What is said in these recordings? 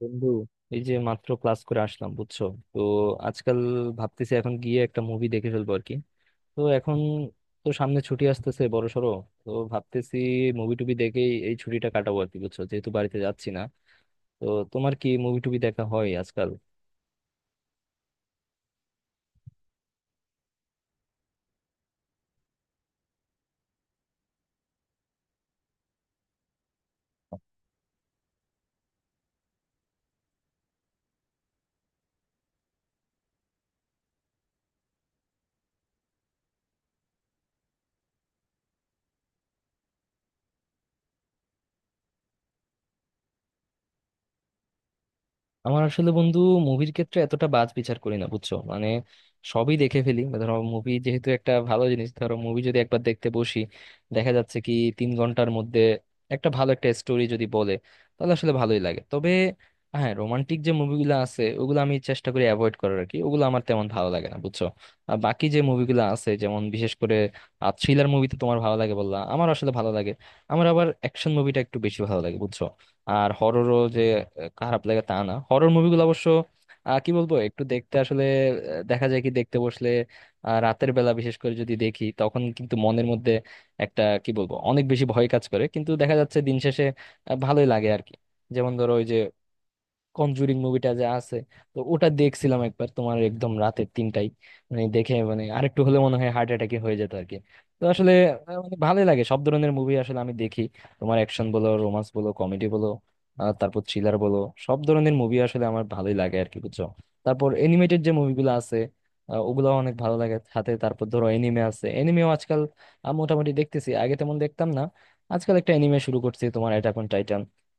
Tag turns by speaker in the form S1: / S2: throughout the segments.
S1: বন্ধু, এই যে মাত্র ক্লাস করে আসলাম, বুঝছো? তো আজকাল ভাবতেছি এখন গিয়ে একটা মুভি দেখে ফেলবো আর কি। তো এখন তো সামনে ছুটি আসতেছে বড় সড়ো, তো ভাবতেছি মুভি টুবি দেখেই এই ছুটিটা কাটাবো আর কি, বুঝছো, যেহেতু বাড়িতে যাচ্ছি না। তো তোমার কি মুভি টুবি দেখা হয় আজকাল? আমার আসলে বন্ধু মুভির ক্ষেত্রে এতটা বাজ বিচার করি না, বুঝছো, মানে সবই দেখে ফেলি। ধরো মুভি যেহেতু একটা ভালো জিনিস, ধরো মুভি যদি একবার দেখতে বসি, দেখা যাচ্ছে কি 3 ঘন্টার মধ্যে একটা ভালো একটা স্টোরি যদি বলে তাহলে আসলে ভালোই লাগে। তবে হ্যাঁ, রোমান্টিক যে মুভিগুলো আছে ওগুলো আমি চেষ্টা করি অ্যাভয়েড করার আর কি, ওগুলো আমার তেমন ভালো লাগে না, বুঝছো। আর বাকি যে মুভিগুলো আছে, যেমন বিশেষ করে থ্রিলার মুভি তো তোমার ভালো লাগে বললা, আমার আসলে ভালো লাগে। আমার আবার অ্যাকশন মুভিটা একটু বেশি ভালো লাগে, বুঝছো। আর হররও যে খারাপ লাগে তা না, হরর মুভিগুলো অবশ্য কি বলবো একটু দেখতে আসলে দেখা যায় কি দেখতে বসলে রাতের বেলা বিশেষ করে যদি দেখি তখন কিন্তু মনের মধ্যে একটা কি বলবো অনেক বেশি ভয় কাজ করে, কিন্তু দেখা যাচ্ছে দিন শেষে ভালোই লাগে আর কি। যেমন ধরো, ওই যে কনজুরিং মুভিটা যে আছে, তো ওটা দেখছিলাম একবার তোমার একদম রাতের 3টায়, মানে দেখে মানে আরেকটু হলে মনে হয় হার্ট অ্যাটাকে হয়ে যেত আর কি। তো আসলে মানে ভালোই লাগে সব ধরনের মুভি আসলে আমি দেখি। তোমার অ্যাকশন বলো, রোমান্স বলো, কমেডি বলো, আর তারপর থ্রিলার বলো, সব ধরনের মুভি আসলে আমার ভালোই লাগে আর কি, বুঝছো। তারপর এনিমেটেড যে মুভিগুলো আছে ওগুলাও অনেক ভালো লাগে, সাথে তারপর ধরো এনিমে আছে, এনিমেও আজকাল মোটামুটি দেখতেছি, আগে তেমন দেখতাম না। আজকাল একটা এনিমে শুরু করছি তোমার, অ্যাটাক অন,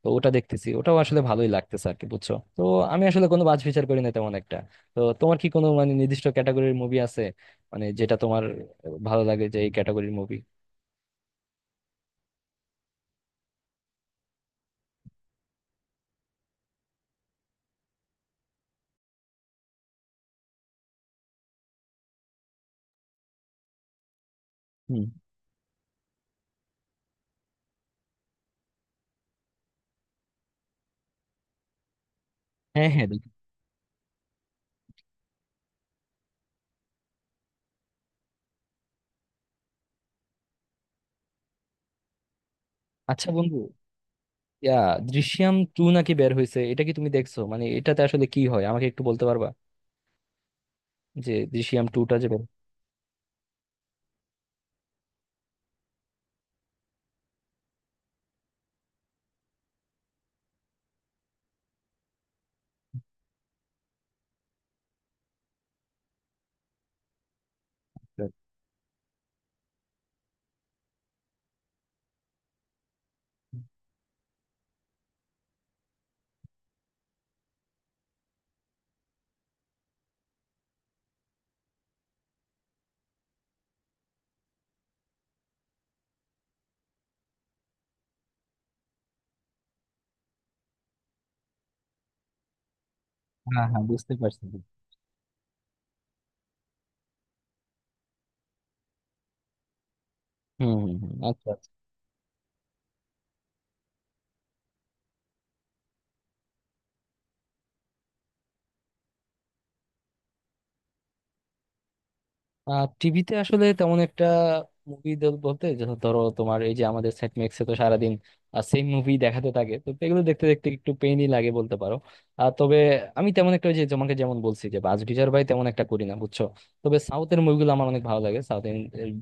S1: তো ওটা দেখতেছি, ওটাও আসলে ভালোই লাগতেছে আর কি, বুঝছো। তো আমি আসলে কোনো বাজ বিচার করি না তেমন একটা। তো তোমার কি কোনো মানে নির্দিষ্ট ক্যাটাগরির মুভি আছে, মানে যেটা তোমার ভালো লাগে, যে এই ক্যাটাগরির মুভি? হুম। হ্যাঁ হ্যাঁ, দেখি। আচ্ছা বন্ধু, ইয়া, দৃশ্যম টু নাকি বের হয়েছে, এটা কি তুমি দেখছো, মানে এটাতে আসলে কি হয় আমাকে একটু বলতে পারবা, যে দৃশ্যম টুটা যে বের হয়েছে। হ্যাঁ হ্যাঁ, বুঝতে পারছি। হুম হুম হুম, আচ্ছা। টিভিতে আসলে তেমন একটা মুভি বলতে, যেটা ধরো তোমার এই যে আমাদের সেট ম্যাক্সে তো সারাদিন সেম মুভি দেখাতে থাকে, তো এগুলো দেখতে দেখতে একটু পেইনই লাগে বলতে পারো। আর তবে আমি তেমন একটা, ওই যে তোমাকে যেমন বলছি, যে বাজ বিচার ভাই তেমন একটা করি না, বুঝছো। তবে সাউথের মুভিগুলো আমার অনেক ভালো লাগে। সাউথ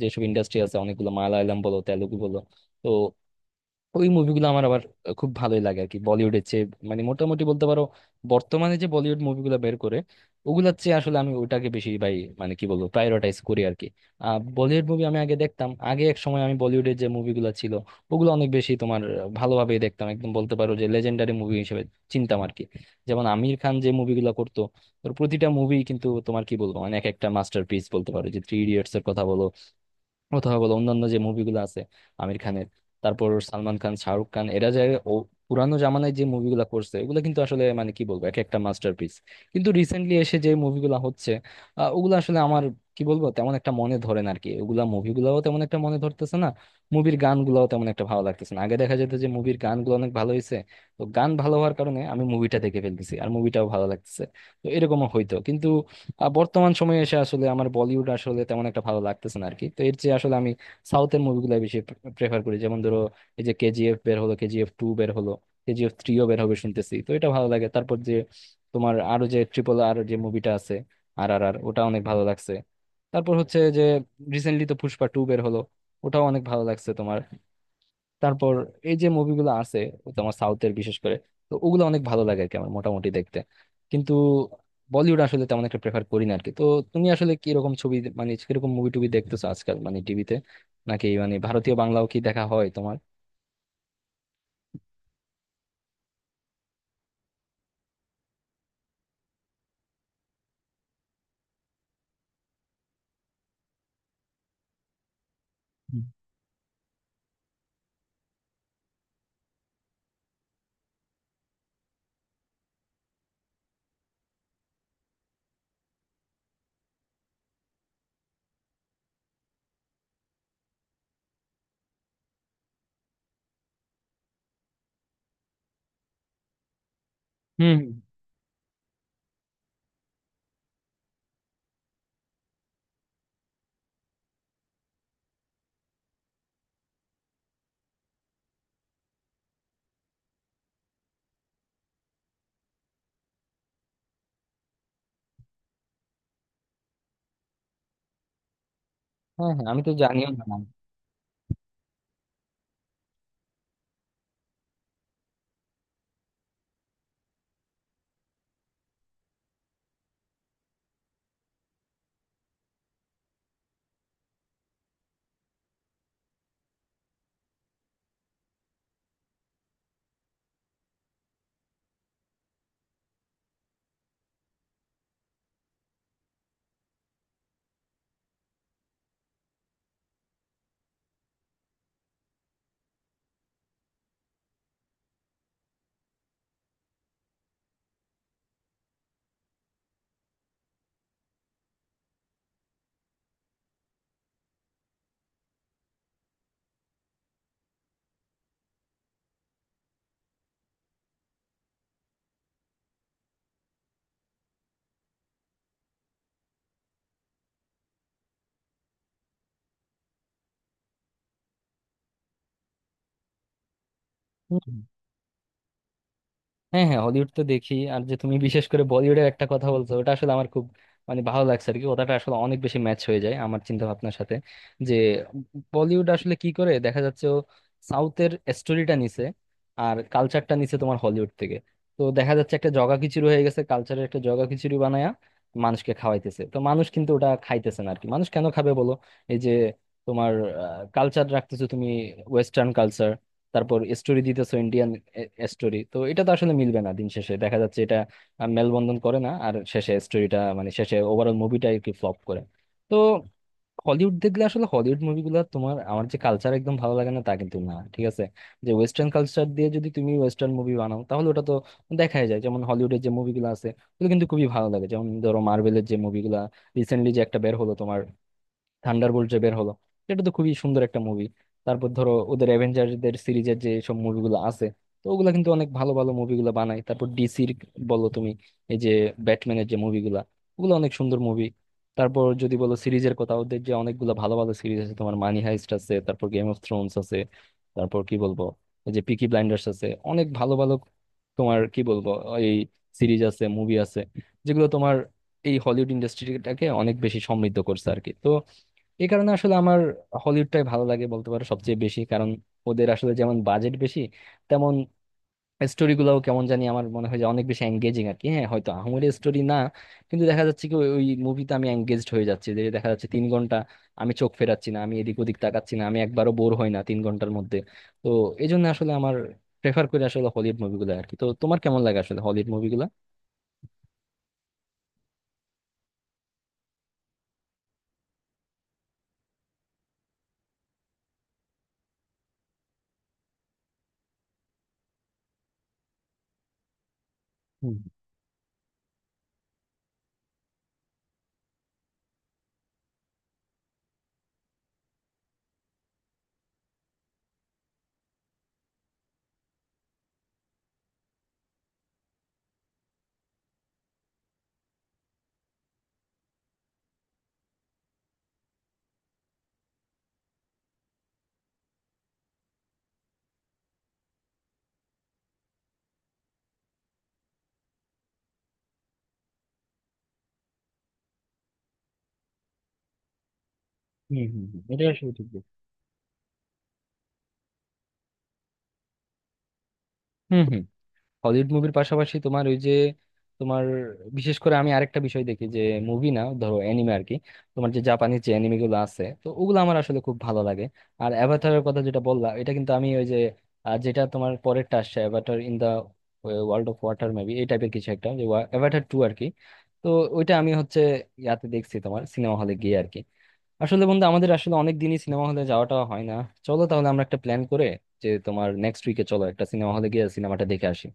S1: যেসব ইন্ডাস্ট্রি আছে অনেকগুলো, মালায়ালাম বলো, তেলুগু বলো, তো ওই মুভিগুলো আমার আবার খুব ভালোই লাগে আর কি, বলিউডের চেয়ে মানে মোটামুটি বলতে পারো। বর্তমানে যে বলিউড মুভিগুলো বের করে ওগুলোর চেয়ে আসলে আমি ওটাকে বেশি ভাই মানে কি বলবো প্রায়োরিটাইজ করি আর কি। বলিউড মুভি আমি আগে দেখতাম, আগে এক সময় আমি বলিউডের যে মুভিগুলো ছিল ওগুলো অনেক বেশি তোমার ভালোভাবেই দেখতাম, একদম বলতে পারো যে লেজেন্ডারি মুভি হিসেবে চিনতাম আর কি। যেমন আমির খান যে মুভিগুলো করতো, ওর প্রতিটা মুভি কিন্তু তোমার কি বলবো মানে এক একটা মাস্টারপিস, বলতে পারো যে থ্রি ইডিয়টস এর কথা বলো অথবা বলো অন্যান্য যে মুভিগুলো আছে আমির খানের। তারপর সালমান খান, শাহরুখ খান এরা যে ও পুরানো জামানায় যে মুভিগুলো করছে এগুলো কিন্তু আসলে মানে কি বলবো এক একটা মাস্টারপিস। কিন্তু রিসেন্টলি এসে যে মুভিগুলো হচ্ছে ওগুলো আসলে আমার কি বলবো তেমন একটা মনে ধরে না আর কি, ওগুলা মুভিগুলোও তেমন একটা মনে ধরতেছে না, মুভির গানগুলোও তেমন একটা ভালো লাগতেছে না। আগে দেখা যেত যে মুভির গানগুলো অনেক ভালো হয়েছে, তো গান ভালো হওয়ার কারণে আমি মুভিটা দেখে ফেলতেছি আর মুভিটাও ভালো লাগতেছে, তো এরকমও হইতো। কিন্তু বর্তমান সময়ে এসে আসলে আমার বলিউড আসলে তেমন একটা ভালো লাগতেছে না আরকি, তো এর চেয়ে আসলে আমি সাউথের মুভিগুলো বেশি প্রেফার করি। যেমন ধরো, এই যে কেজিএফ বের হলো, কেজিএফ টু বের হলো, কেজিএফ থ্রিও বের হবে শুনতেছি, তো এটা ভালো লাগে। তারপর যে তোমার আরো যে ট্রিপল আর যে মুভিটা আছে, আর আর আর, ওটা অনেক ভালো লাগছে। তারপর হচ্ছে যে রিসেন্টলি তো পুষ্পা টু বের হলো, ওটাও অনেক ভালো লাগছে তোমার। তারপর এই যে মুভিগুলো আছে ও তোমার সাউথের বিশেষ করে, তো ওগুলো অনেক ভালো লাগে আর কি আমার মোটামুটি দেখতে। কিন্তু বলিউড আসলে তেমন একটা প্রেফার করি না আর কি। তো তুমি আসলে কিরকম ছবি মানে কিরকম মুভি টুভি দেখতেছো আজকাল, মানে টিভিতে নাকি, মানে ভারতীয় বাংলাও কি দেখা হয় তোমার? হুম হুম হুম। হ্যাঁ হ্যাঁ, আমি তো জানিও না। হুম, হ্যাঁ হ্যাঁ, হলিউড তো দেখি। আর যে তুমি বিশেষ করে বলিউডের একটা কথা বলছো ওটা আসলে আমার খুব মানে ভালো লাগছে আর কি, ওটাটা আসলে অনেক বেশি ম্যাচ হয়ে যায় আমার চিন্তা ভাবনার সাথে, যে বলিউড আসলে কি করে দেখা যাচ্ছে ও সাউথের স্টোরিটা নিছে আর কালচারটা নিছে তোমার হলিউড থেকে। তো দেখা যাচ্ছে একটা জগা খিচুড়ি হয়ে গেছে, কালচারের একটা জগা খিচুড়ি বানায়া মানুষকে খাওয়াইতেছে, তো মানুষ কিন্তু ওটা খাইতেছে না আর কি, মানুষ কেন খাবে বলো? এই যে তোমার কালচার রাখতেছো তুমি ওয়েস্টার্ন কালচার, তারপর স্টোরি দিতেছো ইন্ডিয়ান স্টোরি, তো এটা তো আসলে মিলবে না দিন শেষে, দেখা যাচ্ছে এটা মেলবন্ধন করে না, আর শেষে স্টোরিটা মানে শেষে ওভারঅল মুভিটা আর কি ফ্লপ করে। তো হলিউড দেখলে আসলে হলিউড মুভিগুলো তোমার আমার যে কালচার একদম ভালো লাগে না তা কিন্তু না, ঠিক আছে, যে ওয়েস্টার্ন কালচার দিয়ে যদি তুমি ওয়েস্টার্ন মুভি বানাও তাহলে ওটা তো দেখাই যায়। যেমন হলিউডের যে মুভিগুলো আছে ওগুলো কিন্তু খুবই ভালো লাগে, যেমন ধরো মার্ভেলের যে মুভিগুলা রিসেন্টলি যে একটা বের হলো তোমার, থান্ডারবোল্ট যে বের হলো, এটা তো খুবই সুন্দর একটা মুভি। তারপর ধরো ওদের অ্যাভেঞ্জারদের সিরিজের যে সব মুভিগুলো আছে, তো ওগুলা কিন্তু অনেক ভালো ভালো মুভিগুলো বানায়। তারপর ডিসির বলো তুমি, এই যে ব্যাটম্যানের যে মুভিগুলা, ওগুলো অনেক সুন্দর মুভি। তারপর যদি বলো সিরিজের কথা, ওদের যে অনেকগুলো ভালো ভালো সিরিজ আছে তোমার, মানি হাইস্ট আছে, তারপর গেম অফ থ্রোনস আছে, তারপর কি বলবো এই যে পিকি ব্লাইন্ডার্স আছে, অনেক ভালো ভালো তোমার কি বলবো এই সিরিজ আছে মুভি আছে, যেগুলো তোমার এই হলিউড ইন্ডাস্ট্রিটাকে অনেক বেশি সমৃদ্ধ করছে আর কি। তো এই কারণে আসলে আমার হলিউডটাই ভালো লাগে বলতে পারো সবচেয়ে বেশি, কারণ ওদের আসলে যেমন বাজেট বেশি তেমন স্টোরি গুলাও কেমন জানি আমার মনে হয় যে অনেক বেশি এঙ্গেজিং আর কি। হ্যাঁ হয়তো আহামরি স্টোরি না, কিন্তু দেখা যাচ্ছে কি ওই ওই মুভিতে আমি এঙ্গেজড হয়ে যাচ্ছি, যে দেখা যাচ্ছে 3 ঘন্টা আমি চোখ ফেরাচ্ছি না, আমি এদিক ওদিক তাকাচ্ছি না, আমি একবারও বোর হই না 3 ঘন্টার মধ্যে। তো এই জন্য আসলে আমার প্রেফার করি আসলে হলিউড মুভিগুলো আর কি, তো তোমার কেমন লাগে আসলে হলিউড মুভিগুলো? হুম হুম হুম হুম, এটা আসলে ঠিক বলছো। হুম হুম। হলিউড মুভির পাশাপাশি তোমার ওই যে তোমার বিশেষ করে আমি আরেকটা বিষয় দেখি, যে মুভি না ধরো অ্যানিমে আর কি, তোমার যে জাপানিজ যে অ্যানিমে গুলো আছে তো ওগুলো আমার আসলে খুব ভালো লাগে। আর অ্যাভাটারের কথা যেটা বললাম, এটা কিন্তু আমি ওই যে যেটা তোমার পরেরটা আসছে, Avatar in the world of water maybe এই টাইপের কিছু একটা, যে অ্যাভাটার টু আর কি, তো ওইটা আমি হচ্ছে ইয়াতে দেখছি তোমার সিনেমা হলে গিয়ে আর কি। আসলে বন্ধু আমাদের আসলে অনেক দিনই সিনেমা হলে যাওয়াটা হয় না, চলো তাহলে আমরা একটা প্ল্যান করে যে তোমার নেক্সট উইকে চলো একটা সিনেমা হলে গিয়ে সিনেমাটা দেখে আসি।